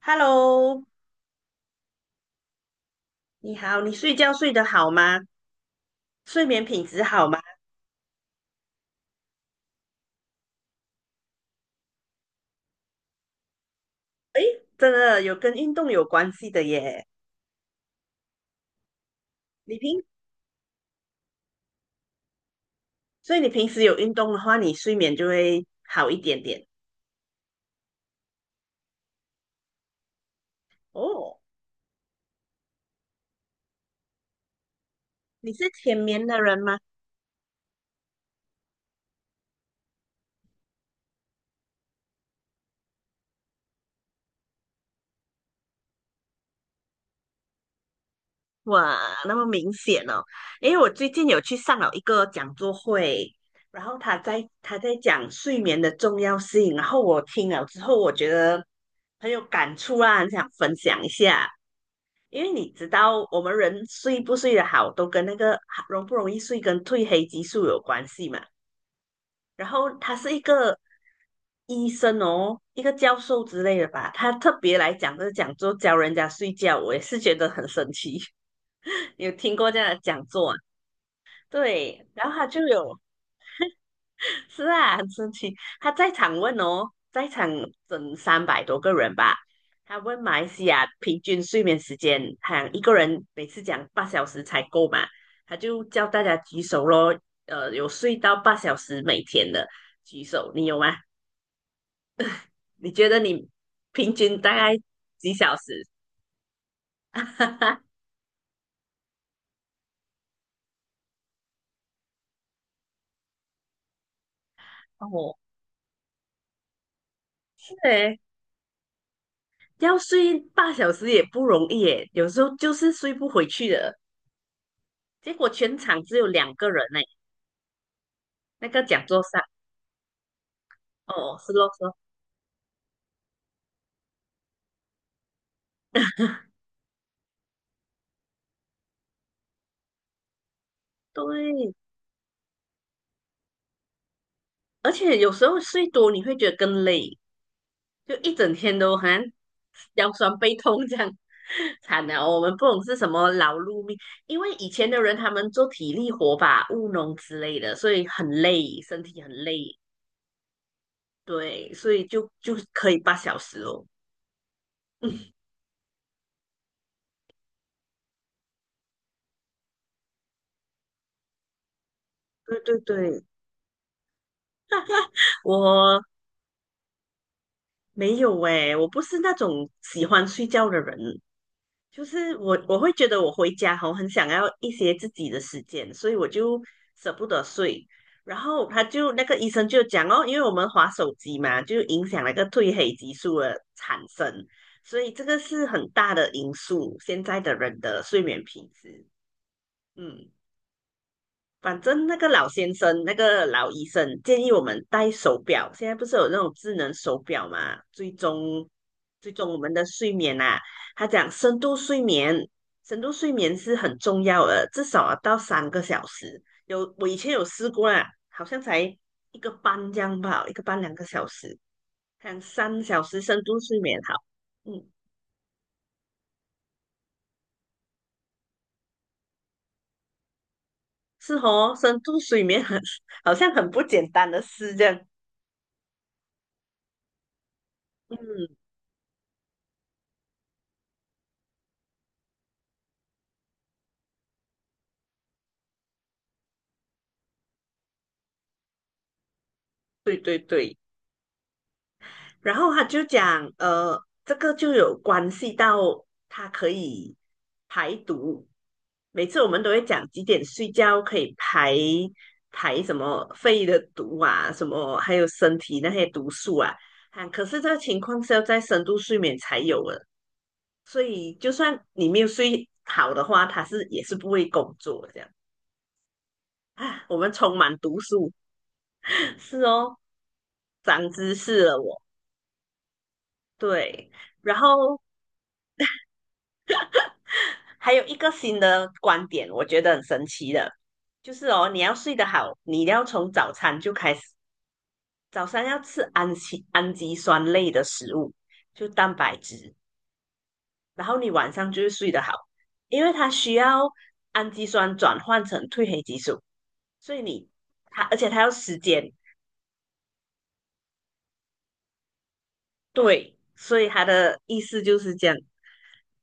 Hello，你好，你睡觉睡得好吗？睡眠品质好吗？诶，真的有跟运动有关系的耶。你平，所以你平时有运动的话，你睡眠就会好一点点。哦，你是浅眠的人吗？哇，那么明显哦。因为我最近有去上了一个讲座会，然后他在讲睡眠的重要性，然后我听了之后，我觉得很有感触啊，很想分享一下。因为你知道，我们人睡不睡得好，都跟那个容不容易睡跟褪黑激素有关系嘛。然后他是一个医生哦，一个教授之类的吧，他特别来讲这个讲座教人家睡觉，我也是觉得很神奇。你有听过这样的讲座啊？对，然后他就有是啊，很生气。他在场问哦，在场整300多个人吧。他问马来西亚平均睡眠时间，他一个人每次讲八小时才够嘛，他就叫大家举手咯。有睡到八小时每天的举手，你有吗？你觉得你平均大概几小时？哦，对，要睡八小时也不容易耶，有时候就是睡不回去的。结果全场只有2个人呢，那个讲座上。哦，是咯是咯，对，而且有时候睡多你会觉得更累，就一整天都好像腰酸背痛这样，惨了哦。我们不懂是什么劳碌命，因为以前的人他们做体力活吧，务农之类的，所以很累，身体很累，对，所以就可以八小时哦。对对对，我没有诶，我不是那种喜欢睡觉的人，就是我会觉得我回家后很想要一些自己的时间，所以我就舍不得睡。然后他就那个医生就讲哦，因为我们划手机嘛，就影响那个褪黑激素的产生，所以这个是很大的因素，现在的人的睡眠品质。嗯，反正那个老先生，那个老医生建议我们戴手表。现在不是有那种智能手表嘛，追踪我们的睡眠啊。他讲深度睡眠，深度睡眠是很重要的，至少要到三个小时。有我以前有试过啦，好像才一个半这样吧，一个半2个小时，看3小时深度睡眠好。嗯，是哦，深度睡眠很好像很不简单的事这样。嗯，对对对。然后他就讲，这个就有关系到它可以排毒。每次我们都会讲几点睡觉可以排什么肺的毒啊，什么还有身体那些毒素啊，啊，可是这个情况是要在深度睡眠才有的，所以就算你没有睡好的话，它是也是不会工作的这样啊。我们充满毒素，是哦，长知识了我。对，然后还有一个新的观点，我觉得很神奇的，就是哦，你要睡得好，你要从早餐就开始，早餐要吃氨基酸类的食物，就蛋白质，然后你晚上就会睡得好，因为它需要氨基酸转换成褪黑激素，所以你它而且它要时间，对，所以它的意思就是这样，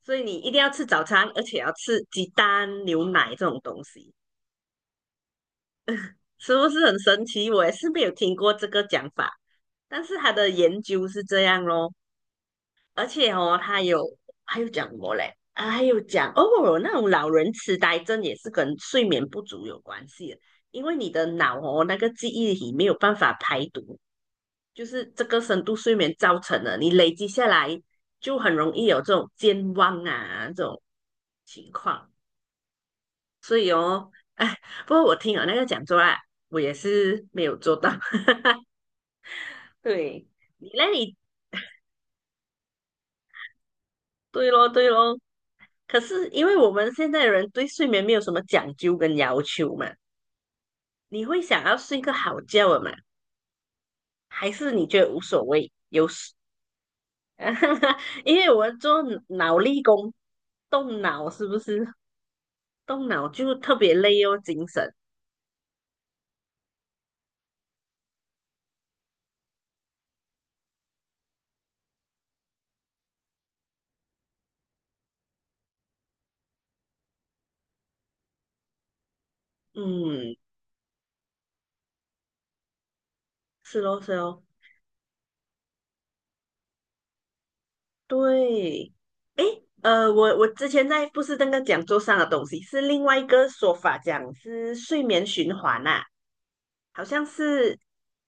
所以你一定要吃早餐，而且要吃鸡蛋、牛奶这种东西。是不是很神奇？我也是没有听过这个讲法，但是他的研究是这样咯，而且哦，他有还有讲过嘞，啊，还有讲哦，那种老人痴呆症也是跟睡眠不足有关系的，因为你的脑哦那个记忆体没有办法排毒，就是这个深度睡眠造成的，你累积下来就很容易有这种健忘啊这种情况，所以哦，哎，不过我听了那个讲座啦，我也是没有做到。对，你嘞，对咯，对咯。可是因为我们现在人对睡眠没有什么讲究跟要求嘛，你会想要睡个好觉的嘛？还是你觉得无所谓？有时，因为我做脑力工，动脑是不是？动脑就特别累哦，精神。嗯，是咯，是咯，对。我之前在不是那个讲座上的东西，是另外一个说法，讲是睡眠循环啊，好像是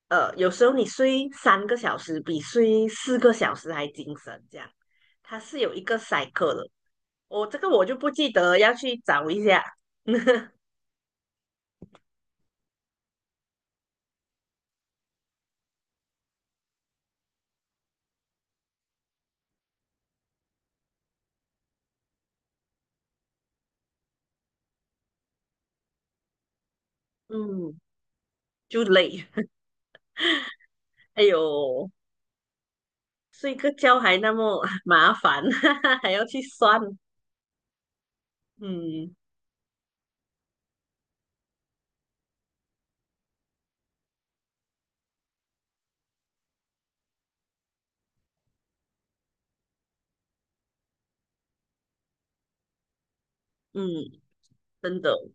有时候你睡三个小时比睡4个小时还精神，这样它是有一个 cycle 的。这个我就不记得，要去找一下。嗯，就累，哎呦，睡个觉还那么 麻烦，还要去算。嗯嗯，真的。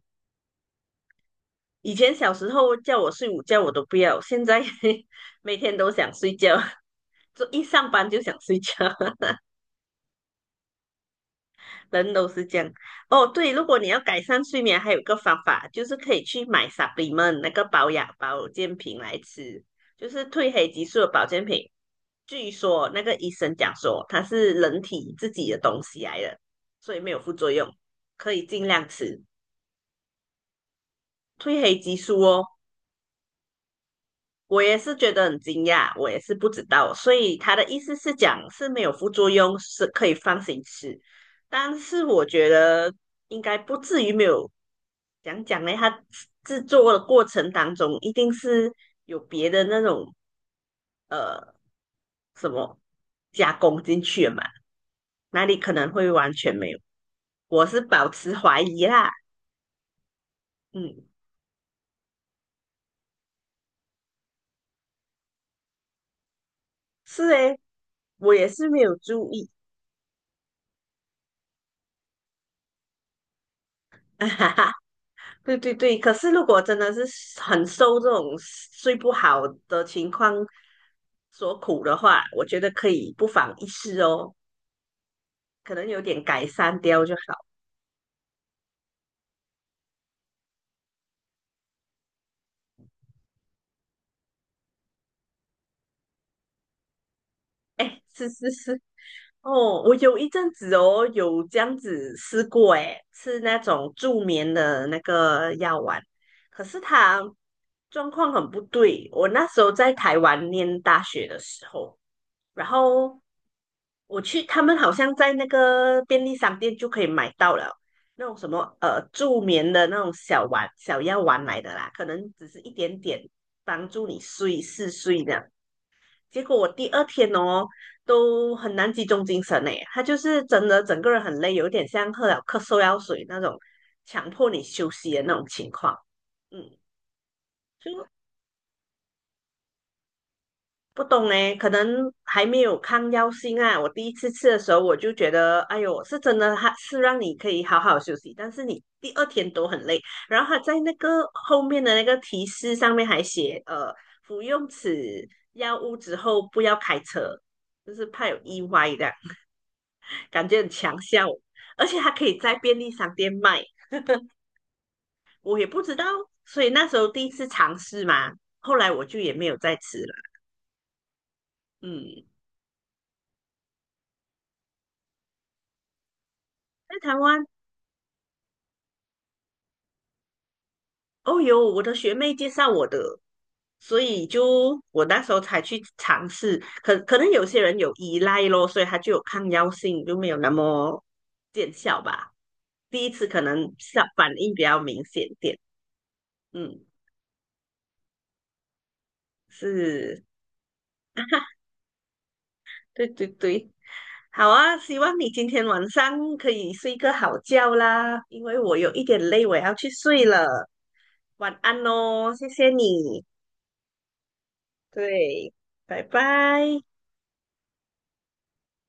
以前小时候叫我睡午觉我都不要，现在 每天都想睡觉，就一上班就想睡觉，人都是这样。哦，对，如果你要改善睡眠，还有一个方法就是可以去买 s u p p 那个保养保健品来吃，就是褪黑激素的保健品。据说那个医生讲说它是人体自己的东西来的，所以没有副作用，可以尽量吃。褪黑激素哦，我也是觉得很惊讶，我也是不知道，所以他的意思是讲是没有副作用，是可以放心吃。但是我觉得应该不至于没有，讲讲呢，它制作的过程当中一定是有别的那种呃什么加工进去了嘛，哪里可能会完全没有？我是保持怀疑啦，嗯，是诶，我也是没有注意，对对对，可是如果真的是很受这种睡不好的情况所苦的话，我觉得可以不妨一试哦，可能有点改善掉就好。哎，是是是，哦，我有一阵子哦有这样子试过，哎，吃那种助眠的那个药丸，可是它状况很不对。我那时候在台湾念大学的时候，然后我去，他们好像在那个便利商店就可以买到了那种什么助眠的那种小药丸来的啦，可能只是一点点帮助你嗜睡这样。结果我第二天哦都很难集中精神诶，他就是真的整个人很累，有点像喝了咳嗽药水那种强迫你休息的那种情况。嗯，就不懂呢，可能还没有抗药性啊。我第一次吃的时候，我就觉得，哎呦，是真的，它是让你可以好好休息，但是你第二天都很累。然后它在那个后面的那个提示上面还写，服用此药物之后不要开车，就是怕有意外的，感觉很强效，而且它可以在便利商店卖，我也不知道，所以那时候第一次尝试嘛，后来我就也没有再吃了。嗯，在台湾哦，有我的学妹介绍我的，所以就我那时候才去尝试。可能有些人有依赖咯，所以他就有抗药性，就没有那么见效吧。第一次可能反应比较明显点。嗯，是，对对对，好啊，希望你今天晚上可以睡个好觉啦，因为我有一点累，我要去睡了。晚安哦，谢谢你。对，拜拜。